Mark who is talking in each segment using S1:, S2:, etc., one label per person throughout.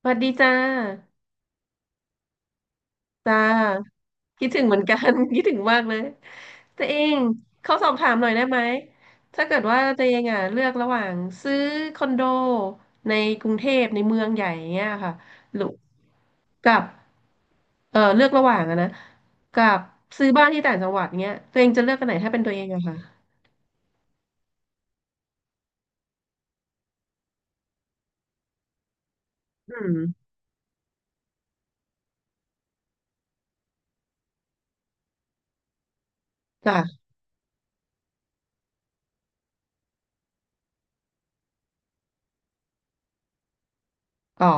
S1: สวัสดีจ้าจ้าคิดถึงเหมือนกัน คิดถึงมากเลยตัวเองเขาสอบถามหน่อยได้ไหมถ้าเกิดว่าตัวเองอ่ะเลือกระหว่างซื้อคอนโดในกรุงเทพในเมืองใหญ่อย่างเงี้ยค่ะหรือกับเลือกระหว่างอะนะกับซื้อบ้านที่ต่างจังหวัดเงี้ยตัวเองจะเลือกอันไหนถ้าเป็นตัวเองอะค่ะอืมจ้ะอ๋อ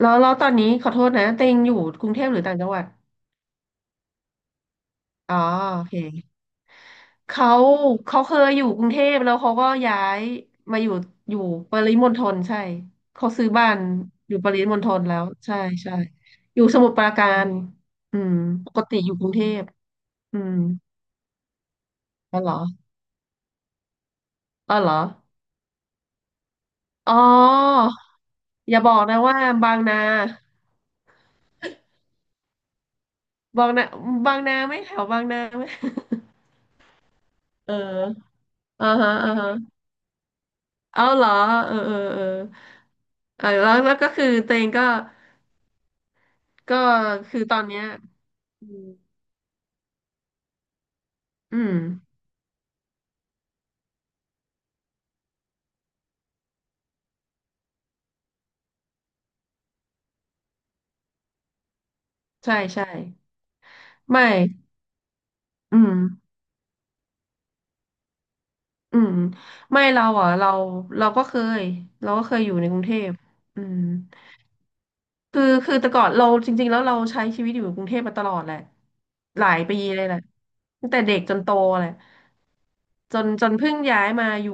S1: แล้วตอนนี้ขอโทษนะตัวเองอยู่กรุงเทพหรือต่างจังหวัดอ๋อโอเค เขาเคยอยู่กรุงเทพแล้วเขาก็ย้ายมาอยู่อยู่ปริมณฑลใช่เขาซื้อบ้านอยู่ปริมณฑลแล้วใช่ใช่อยู่สมุทรปราการอืมปกติอยู่กรุงเทพอืมอ๋อเหรออ๋อเหรออ๋ออย่าบอกนะว่าบางนาบางนาบางนาไหมแถวบางนาไหม เอออ่าฮะอ่าฮะเอาเหรอเออเออเออเออแล้วก็คือตัวเองก็ก็คือตอนเนี้ยอืมอืม ใช่ใช่ไม่อืมอืมไม่เราอ่ะเราเราก็เคยเราก็เคยอยู่ในกรุงเทพอืมคือแต่ก่อนเราจริงๆแล้วเราใช้ชีวิตอยู่กรุงเทพมาตลอดแหละหลายปีเลยแหละตั้งแต่เด็กจนโตแหละจนเพิ่งย้ายมาอยู่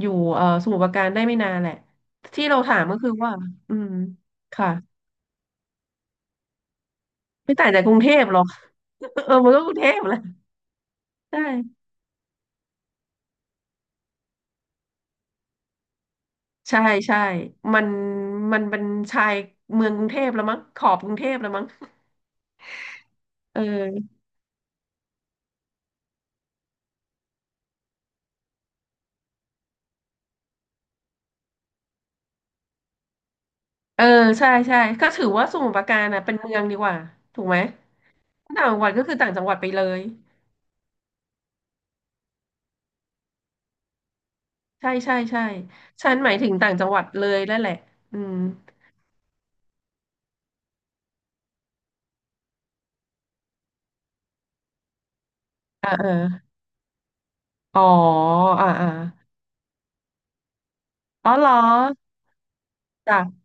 S1: อยู่สมุทรปราการได้ไม่นานแหละที่เราถามก็คือว่าอืมค่ะไม่ต่างจากกรุงเทพหรอก เออมันก็กรุงเทพแหละใช่ ใช่ใช่ มันมันเป็นชายเมืองกรุงเทพแล้วมั้งขอบกรุงเทพแล้วมั้งเออเออใช่ใช่ก็ถือว่าสมุทรปราการน่ะเป็นเมืองดีกว่าถูกไหมต่างจังหวัดก็คือต่างจังหวัดไปเลยใช่ใช่ใช่ฉันหมายถึงต่างจังหวัดเลยนั่นแหละอืมเอ่าเอออ๋ออ่าอ่าอ๋อเหรอจ้ะ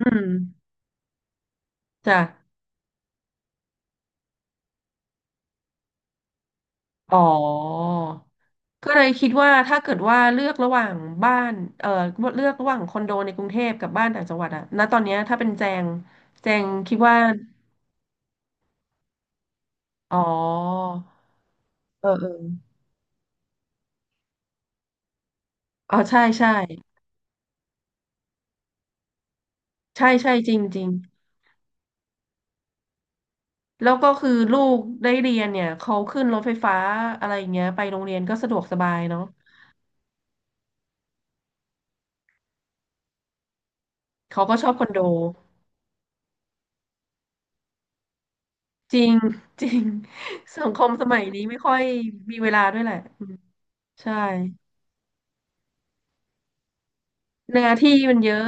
S1: อืมจ้ะอ๋อ ก็เลยคิดว่าถ้าเกิดว่าเลือกระหว่างบ้านเอ่อเลือกระหว่างคอนโดในกรุงเทพกับบ้านต่างจังหวัดอะณตอนเนี้ยถ้าเป็นแจงแจงคิดว่าอ๋อเออเอออ๋อใช่ใช่ใช่ใช่จริงจริงแล้วก็คือลูกได้เรียนเนี่ยเขาขึ้นรถไฟฟ้าอะไรอย่างเงี้ยไปโรงเรียนก็สะดวกสบายเนาะเขาก็ชอบคอนโดจริง จริงสังคมสมัยนี้ไม่ค่อยมีเวลาด้วยแหละอืมใช่หน้าที่มันเยอะ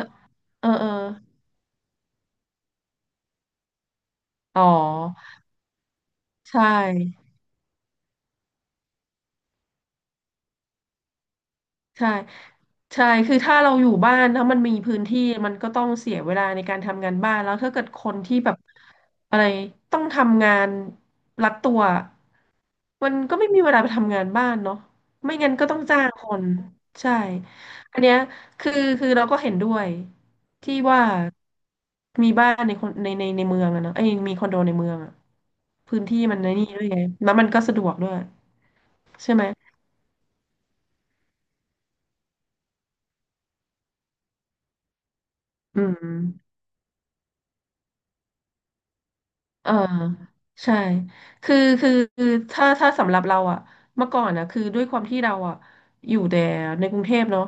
S1: เออเอออ๋อ ใช่ใช่ใช่คือถ้าเราอยู่บ้านถ้ามันมีพื้นที่มันก็ต้องเสียเวลาในการทำงานบ้านแล้วถ้าเกิดคนที่แบบอะไรต้องทำงานรัดตัวมันก็ไม่มีเวลาไปทำงานบ้านเนาะไม่งั้นก็ต้องจ้างคนใช่อันเนี้ยคือเราก็เห็นด้วยที่ว่ามีบ้านในคนในในในเมืองอะเนอะเอ้ยมีคอนโดในเมืองอะพื้นที่มันในนี่ด้วยไงแล้วมันก็สะดวกด้วยใช่ไหมอืม เออใช่คือคือคือถ้าสำหรับเราอะเมื่อก่อนอะคือด้วยความที่เราอะอยู่แต่ในกรุงเทพเนาะ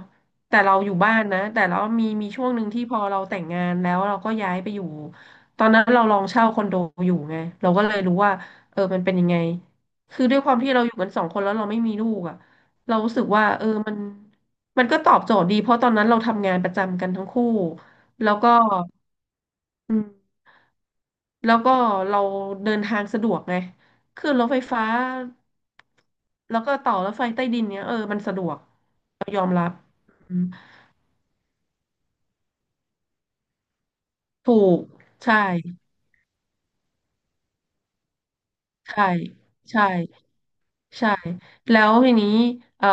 S1: แต่เราอยู่บ้านนะแต่เรามีช่วงหนึ่งที่พอเราแต่งงานแล้วเราก็ย้ายไปอยู่ตอนนั้นเราลองเช่าคอนโดอยู่ไงเราก็เลยรู้ว่าเออมันเป็นยังไงคือด้วยความที่เราอยู่กันสองคนแล้วเราไม่มีลูกอะเรารู้สึกว่าเออมันมันก็ตอบโจทย์ดีเพราะตอนนั้นเราทำงานประจำกันทั้งคู่แล้วก็อืม แล้วก็เราเดินทางสะดวกไงขึ้นรถไฟฟ้าแล้วก็ต่อรถไฟใต้ดินเนี้ยเออมันสะดวกยอมรับอืมถูกใช่ใช่ใช่ ใช่แล้วทีนี้เอ่อ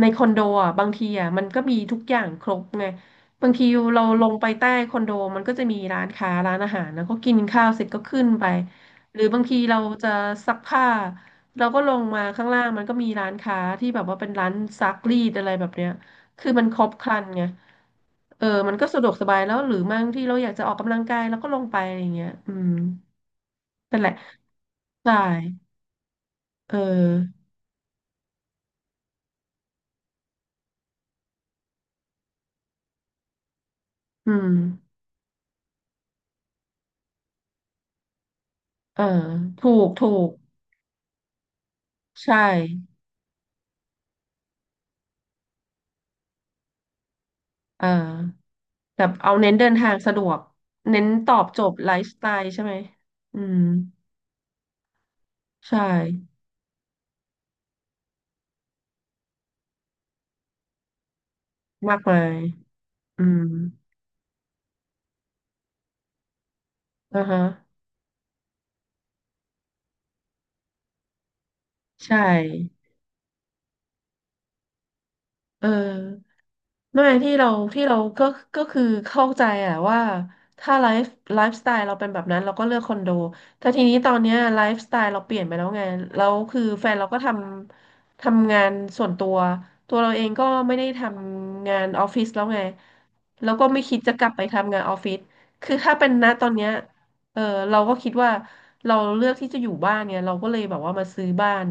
S1: ในคอนโดอ่ะบางทีอ่ะมันก็มีทุกอย่างครบไงบางทีเราลงไปใต้คอนโดมันก็จะมีร้านค้าร้านอาหารแล้วก็กินข้าวเสร็จก็ขึ้นไปหรือบางทีเราจะซักผ้าเราก็ลงมาข้างล่างมันก็มีร้านค้าที่แบบว่าเป็นร้านซักรีดอะไรแบบเนี้ยคือมันครบครันไงเออมันก็สะดวกสบายแล้วหรือบางที่เราอยากจะออกกำลังกายเราก็ลงไปอะไรอย่างเงี้ยอืมนั่นแหละใช่เอออืม เออถูกถูกใช่เออแบบเอาเน้นเดินทางสะดวกเน้นตอบโจทย์ไลฟ์สไตล์ใช่ไหมอืมใช่มากมายอืมอ่าฮะใช่เออ ด้วยที่เราที่เราก็ก็คือเข้าใจอะว่าถ้าไลฟ์สไตล์เราเป็นแบบนั้นเราก็เลือกคอนโดแต่ทีนี้ตอนเนี้ยไลฟ์สไตล์เราเปลี่ยนไปแล้วไงแล้วคือแฟนเราก็ทำงานส่วนตัวตัวเราเองก็ไม่ได้ทำงานออฟฟิศแล้วไงแล้วก็ไม่คิดจะกลับไปทำงานออฟฟิศคือถ้าเป็นณตอนเนี้ย เออเราก็คิดว่าเราเลือกที่จะอยู่บ้านเนี่ยเราก็เลยแบบว่ามาซื้อบ้าน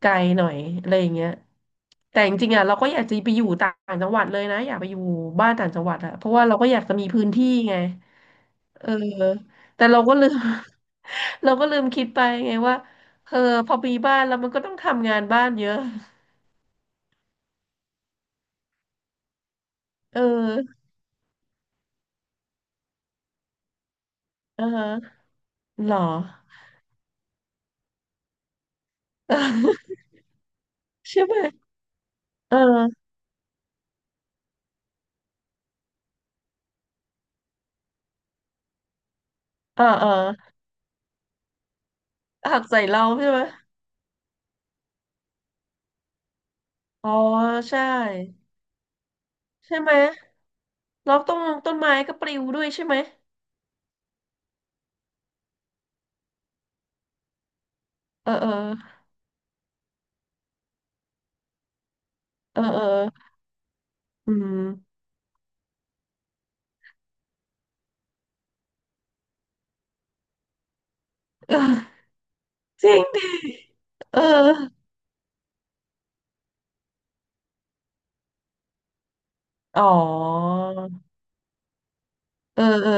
S1: ไกลหน่อยอะไรอย่างเงี้ยแต่จริงๆอ่ะเราก็อยากจะไปอยู่ต่างจังหวัดเลยนะอยากไปอยู่บ้านต่างจังหวัดอ่ะเพราะว่าเราก็อยากจะมีพื้นที่ไงเออแต่เราก็ลืม เราก็ลืมคิดไปไงว่าเออพอมีบ้านแล้วมันก็ต้องทำงานบ้านเยอะเอออ่าฮะหรอ ใช่ไหมเออเออหักใส่เราใช่ไหมอ๋อใช่ใช่ไหม แล้วต้นไม้ก็ปลิวด้วยใช่ไหม เออเออเออเอออืม เออจริงดิเออ อ๋อ เออเออ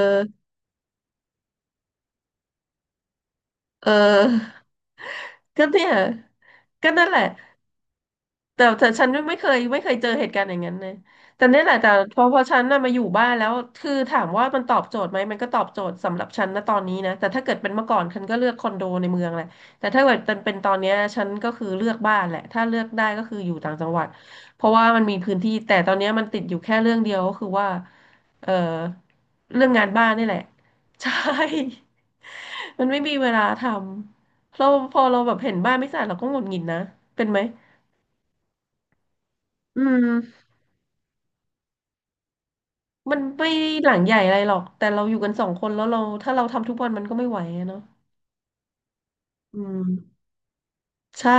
S1: เออก็เนี่ยก็นั่นแหละ แต่แต่ฉันไม่เคยเจอเหตุการณ์อย่างนั้นเลยแต่เนี่ยแหละแต่พอฉันน่ะมาอยู่บ้านแล้วคือถามว่ามันตอบโจทย์ไหมมันก็ตอบโจทย์สำหรับฉันนะตอนนี้นะแต่ถ้าเกิดเป็นเมื่อก่อนฉันก็เลือกคอนโดในเมืองแหละแต่ถ้าเกิดเป็นตอนเนี้ยฉันก็คือเลือกบ้านแหละถ้าเลือกได้ก็คืออยู่ต่างจังหวัดเพราะว่ามันมีพื้นที่แต่ตอนเนี้ยมันติดอยู่แค่เรื่องเดียวก็คือว่าเออเรื่องงานบ้านนี่แหละ ใช่ มันไม่มีเวลาทำเราพอเราแบบเห็นบ้านไม่สะอาดเราก็หงุดหงิดนะเป็นไหมอืม มันไม่หลังใหญ่อะไรหรอก แต่เราอยู่กันสองคนแล้วเราถ้าเราทำทุกวันมันก็ไม่ไหวอะเนาะอืม ใช่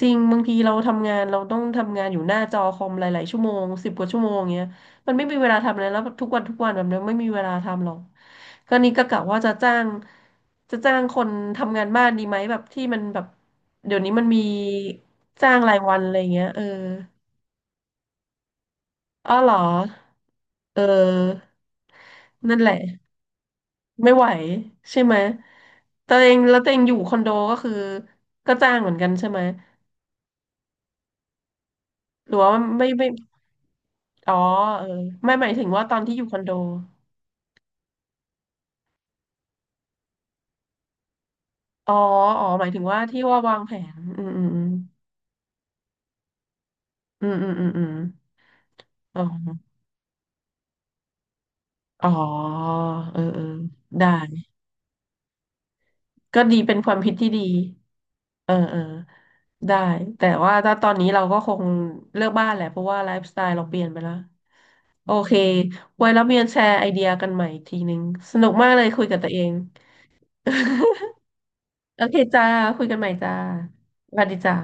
S1: จริงบางทีเราทำงานเราต้องทำงานอยู่หน้าจอคอมหลายๆชั่วโมงสิบกว่าชั่วโมงเงี้ยมันไม่มีเวลาทำอะไรแล้วทุกวันทุกวันแบบนี้ไม่มีเวลาทำหรอกก็นี่ก็กะว่าจะจ้างคนทำงานบ้านดีไหมแบบที่มันแบบเดี๋ยวนี้มันมีจ้างรายวันอะไรเงี้ยเอออ๋อเหรอเออนั่นแหละ ไม่ไหวใช่ไหมตัวเองแล้วตัวเองอยู่คอนโดก็คือก็จ้างเหมือนกันใช่ไหม หรือว่าไม่อ๋อเออไม่หมายถึงว่าตอนที่อยู่คอนโดอ๋ออ๋อหมายถึงว่าที่ว่าวางแผน อืมอมอ๋อเออได้ก็ดีเป็นความคิดที่ดีเออได้ แต่ว่าถ้าตอนนี้เราก็คงเลือกบ้านแหละเพราะว่าไลฟ์สไตล์เราเปลี่ยนไปแล้ว โอเคไว้แล้วมีแชร์ไอเดียกันใหม่อีกทีนึงสนุกมากเลยคุยกับตัวเอง โอเคจ้า คุยกันใหม่จ้าสวัสดีจ้า